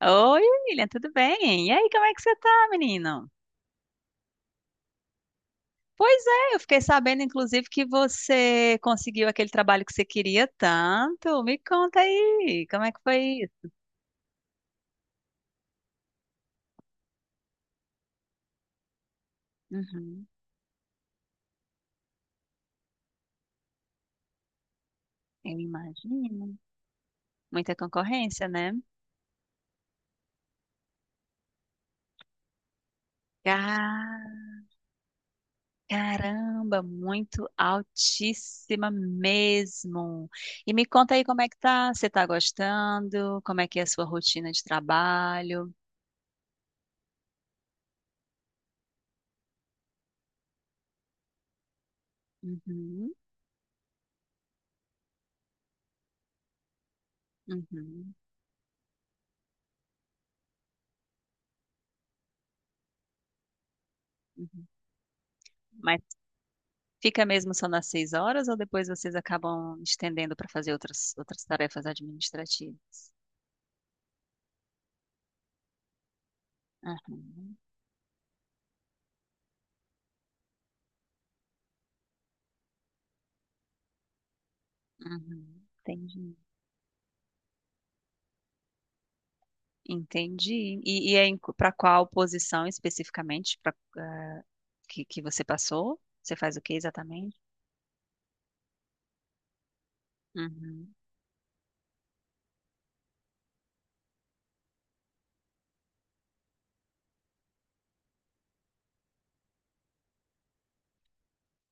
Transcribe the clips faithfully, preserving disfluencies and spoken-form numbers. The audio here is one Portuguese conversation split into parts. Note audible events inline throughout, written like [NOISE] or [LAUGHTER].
Oi, William, tudo bem? E aí, como é que você tá, menino? Pois é, eu fiquei sabendo, inclusive, que você conseguiu aquele trabalho que você queria tanto. Me conta aí, como é que foi isso? Uhum, eu imagino. Muita concorrência, né? Ca- Caramba, muito altíssima mesmo. E me conta aí como é que tá? Você tá gostando? Como é que é a sua rotina de trabalho? Uhum, uhum, uhum. Fica mesmo só nas seis horas ou depois vocês acabam estendendo para fazer outras, outras tarefas administrativas? Aham, uhum, entendi. Entendi. E, e é para qual posição especificamente pra, ah, que, que você passou? Você faz o que exatamente? Uhum.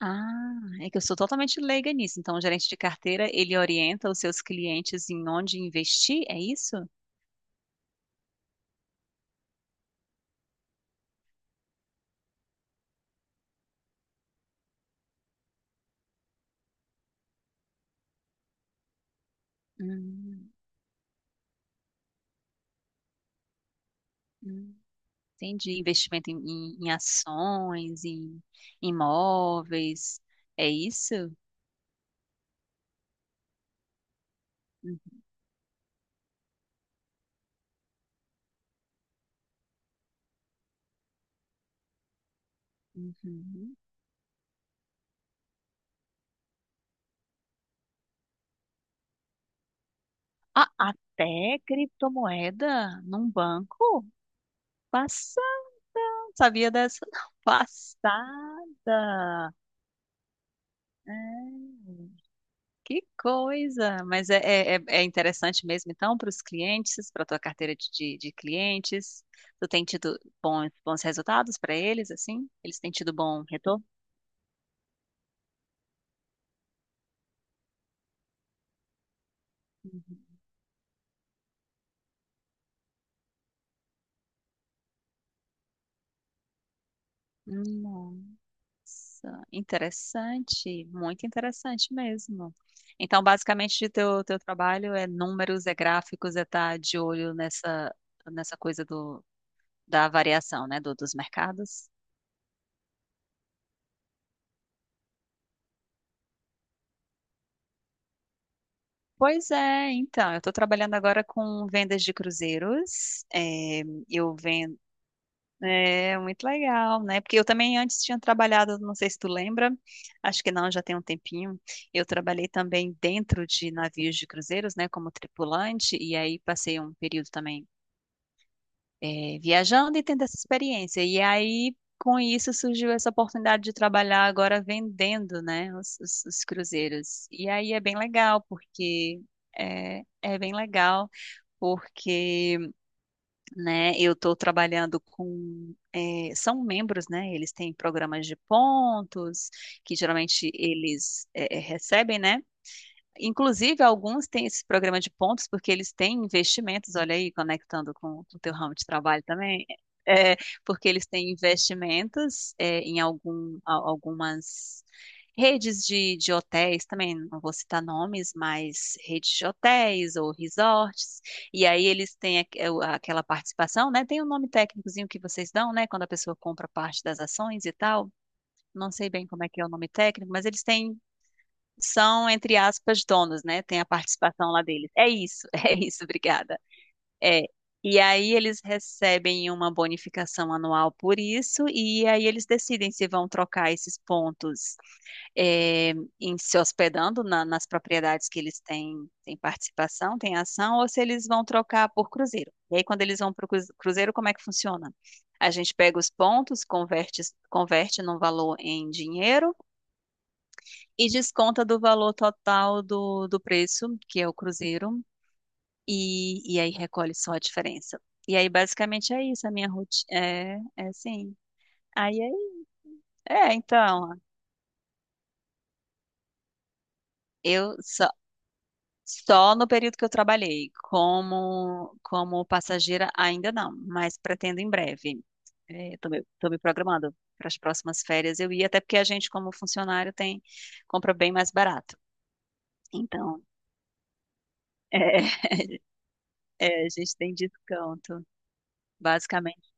Ah, é que eu sou totalmente leiga nisso. Então, o gerente de carteira, ele orienta os seus clientes em onde investir, é isso? Hum, hum. Entendi. Investimento em, em- em ações, em imóveis. É isso? Uhum. Uhum. Ah, até criptomoeda num banco? Passada. Não sabia dessa, não. [LAUGHS] Passada. É, que coisa. Mas é, é, é é interessante mesmo, então, para os clientes, para a tua carteira de, de, de clientes. Tu tem tido bons, bons resultados para eles, assim? Eles têm tido bom retorno? Uhum. Nossa, interessante, muito interessante mesmo. Então, basicamente, o teu, teu trabalho é números, é gráficos, é estar de olho nessa, nessa coisa do, da variação, né, do, dos mercados. Pois é, então, eu estou trabalhando agora com vendas de cruzeiros. É, eu É, muito legal, né? Porque eu também antes tinha trabalhado, não sei se tu lembra, acho que não, já tem um tempinho. Eu trabalhei também dentro de navios de cruzeiros, né, como tripulante, e aí passei um período também eh, viajando e tendo essa experiência. E aí, com isso, surgiu essa oportunidade de trabalhar agora vendendo, né, os, os- os cruzeiros. E aí é bem legal, porque é, é bem legal, porque né? Eu estou trabalhando com, eh, são membros, né? Eles têm programas de pontos que geralmente eles eh, eh, recebem, né? Inclusive, alguns têm esse programa de pontos porque eles têm investimentos, olha aí, conectando com o teu ramo de trabalho também, é, porque eles têm investimentos é, em algum, al- algumas redes de, de hotéis também, não vou citar nomes, mas redes de hotéis ou resorts, e aí eles têm aqu- é, o- aquela participação, né? Tem um nome técnicozinho que vocês dão, né? Quando a pessoa compra parte das ações e tal. Não sei bem como é que é o nome técnico, mas eles têm são, entre aspas, donos, né? Tem a participação lá deles. É isso, [LAUGHS] é isso, obrigada. É. E aí eles recebem uma bonificação anual por isso, e aí eles decidem se vão trocar esses pontos é, em se hospedando na- nas propriedades que eles têm, têm participação, têm ação, ou se eles vão trocar por cruzeiro. E aí, quando eles vão para o cruzeiro, como é que funciona? A gente pega os pontos, converte, converte num valor em dinheiro e desconta do valor total do, do preço, que é o cruzeiro, e, e aí recolhe só a diferença. E aí, basicamente, é isso, a minha rotina. É, é assim. Aí, é, isso. É, então, eu só, só no período que eu trabalhei, como, como passageira, ainda não, mas pretendo em breve. É, tô me, tô me programando para as próximas férias. Eu ia, até porque a gente, como funcionário, tem, compra bem mais barato. Então, é, [LAUGHS] é, a gente tem desconto. Basicamente.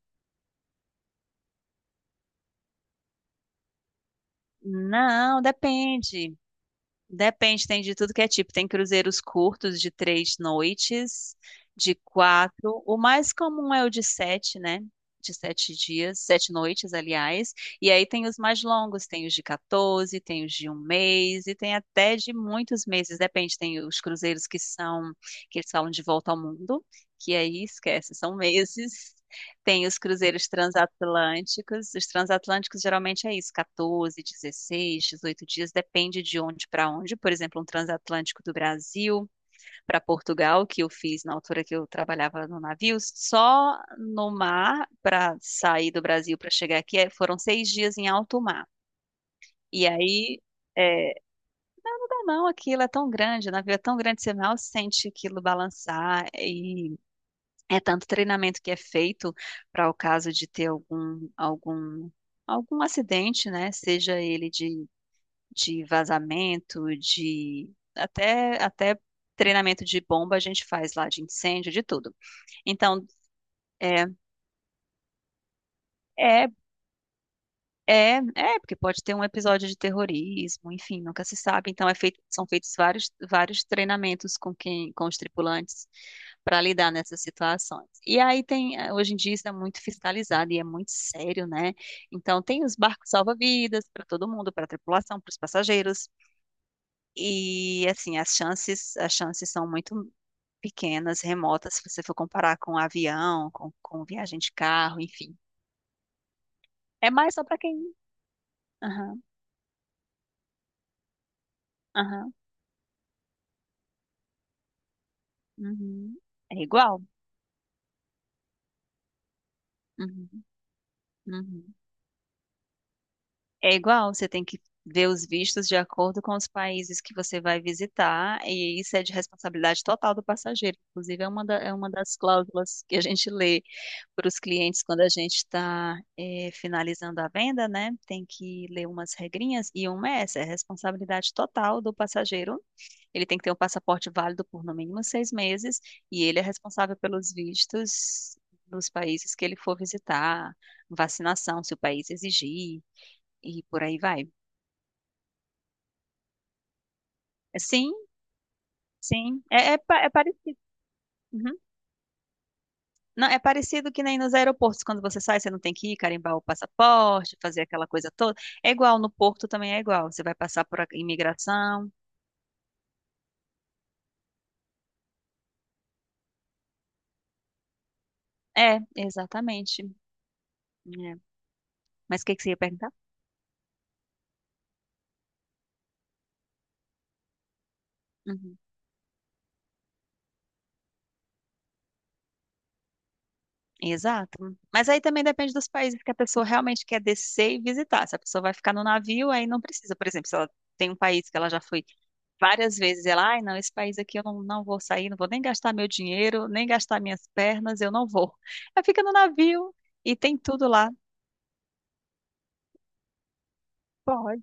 Não, depende. Depende, tem de tudo que é tipo. Tem cruzeiros curtos de três noites, de quatro. O mais comum é o de sete, né? De sete dias, sete noites, aliás. E aí tem os mais longos, tem os de quatorze, tem os de um mês, e tem até de muitos meses. Depende, tem os cruzeiros que são, que eles falam de volta ao mundo, que aí esquece, são meses. Tem os cruzeiros transatlânticos. Os transatlânticos geralmente é isso, quatorze, dezesseis dezoito dias, depende de onde para onde. Por exemplo, um transatlântico do Brasil para Portugal, que eu fiz na altura que eu trabalhava no navio, só no mar para sair do Brasil para chegar aqui é- foram seis dias em alto mar. E aí, é, não, não, aquilo é tão grande, o navio é tão grande, você mal sente aquilo balançar e é tanto treinamento que é feito para o caso de ter algum, algum, algum acidente, né? Seja ele de, de vazamento, de até, até treinamento de bomba a gente faz lá, de incêndio, de tudo. Então, é, é É, é, porque pode ter um episódio de terrorismo, enfim, nunca se sabe. Então é feito- são feitos vários, vários treinamentos com quem, com os tripulantes para lidar nessas situações. E aí tem, eh, hoje em dia isso é muito fiscalizado e é muito sério, né? Então tem os barcos salva-vidas para todo mundo, para a tripulação, para os passageiros. E assim, as chances, as chances são muito pequenas, remotas, se você for comparar com avião, com, com viagem de carro, enfim. É mais só para quem. Aham, aham. Uhum. É igual. Uhum. Uhum. É igual, você tem que ver os vistos de acordo com os países que você vai visitar, e isso é de responsabilidade total do passageiro. Inclusive, é uma, da- é uma das cláusulas que a gente lê para os clientes quando a gente está finalizando a venda, né? Tem que ler umas regrinhas, e uma é essa, é responsabilidade total do passageiro. Ele tem que ter um passaporte válido por no mínimo seis meses, e ele é responsável pelos vistos dos países que ele for visitar, vacinação, se o país exigir. E por aí vai. Sim, sim. É, é, pa- é parecido. Uhum. Não, é parecido que nem nos aeroportos. Quando você sai, você não tem que ir carimbar o passaporte, fazer aquela coisa toda. É igual, no porto também é igual. Você vai passar por a imigração. É, exatamente. É. Mas o que que você ia perguntar? Uhum. Exato. Mas aí também depende dos países que a pessoa realmente quer descer e visitar. Se a pessoa vai ficar no navio, aí não precisa. Por exemplo, se ela tem um país que ela já foi várias vezes ela, ai, não, esse país aqui eu não, não vou sair, não vou nem gastar meu dinheiro, nem gastar minhas pernas, eu não vou. Ela fica no navio e tem tudo lá. Pode.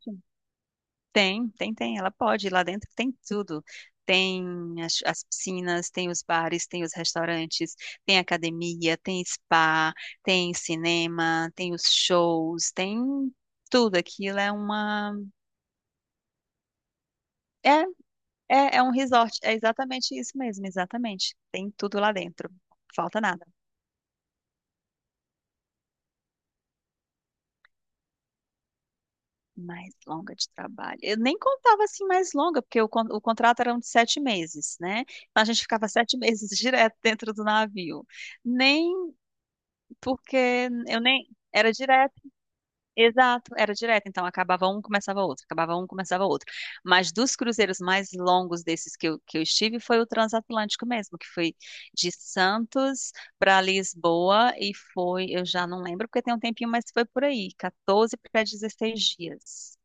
Tem, tem, tem, ela pode, lá dentro tem tudo. Tem as, as piscinas, tem os bares, tem os restaurantes, tem academia, tem spa, tem cinema, tem os shows, tem tudo. Aquilo é uma. É, é, é um resort, é exatamente isso mesmo, exatamente. Tem tudo lá dentro, falta nada. Mais longa de trabalho. Eu nem contava assim mais longa, porque o, con- o contrato era um de sete meses, né? Então a gente ficava sete meses [LAUGHS] direto dentro do navio. Nem porque eu nem. Era direto, exato, era direto. Então acabava um, começava outro, acabava um, começava outro. Mas dos cruzeiros mais longos desses que eu, que eu estive foi o transatlântico mesmo, que foi de Santos para Lisboa e foi, eu já não lembro porque tem um tempinho, mas foi por aí, Quatorze para dezesseis dias.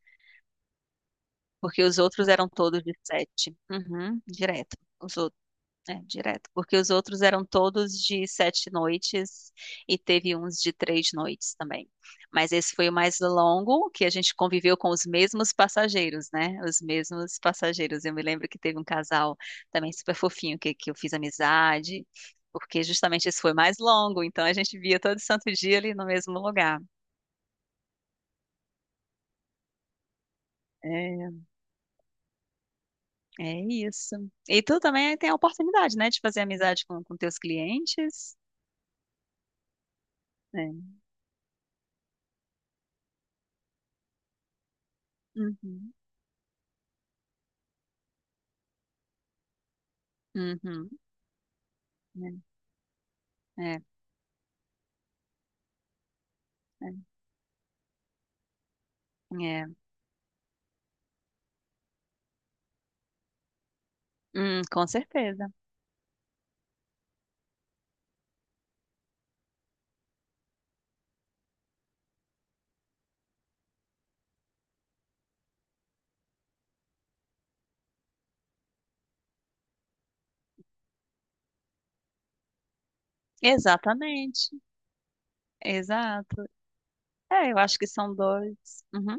Porque os outros eram todos de sete. Uhum, direto. Os outros, é, direto. Porque os outros eram todos de sete noites e teve uns de três noites também. Mas esse foi o mais longo, que a gente conviveu com os mesmos passageiros, né? Os mesmos passageiros. Eu me lembro que teve um casal também super fofinho que, que eu fiz amizade, porque justamente esse foi mais longo, então a gente via todo santo dia ali no mesmo lugar. É, É isso. E tu também tem a oportunidade, né, de fazer amizade com, com teus clientes. É. Uhum. Uhum. É, é, é. É. Hum, com certeza. Exatamente. Exato. É, eu acho que são dois. Uhum.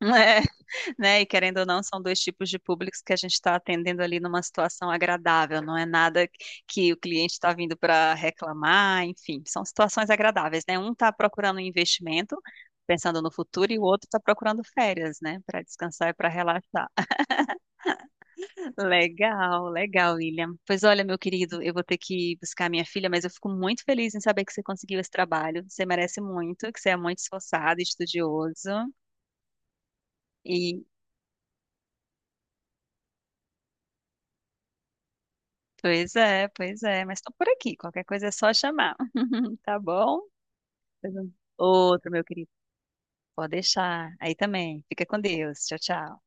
[LAUGHS] né? E querendo ou não, são dois tipos de públicos que a gente está atendendo ali numa situação agradável, não é nada que o cliente está vindo para reclamar, enfim, são situações agradáveis, né? Um está procurando um investimento, pensando no futuro, e o outro está procurando férias, né? Para descansar e para relaxar. [LAUGHS] Legal, legal, William. Pois olha, meu querido, eu vou ter que buscar minha filha, mas eu fico muito feliz em saber que você conseguiu esse trabalho. Você merece muito, que você é muito esforçado, estudioso. Pois é, pois é. Mas estou por aqui. Qualquer coisa é só chamar. [LAUGHS] Tá bom? Outro, meu querido. Pode deixar. Aí também. Fica com Deus. Tchau, tchau.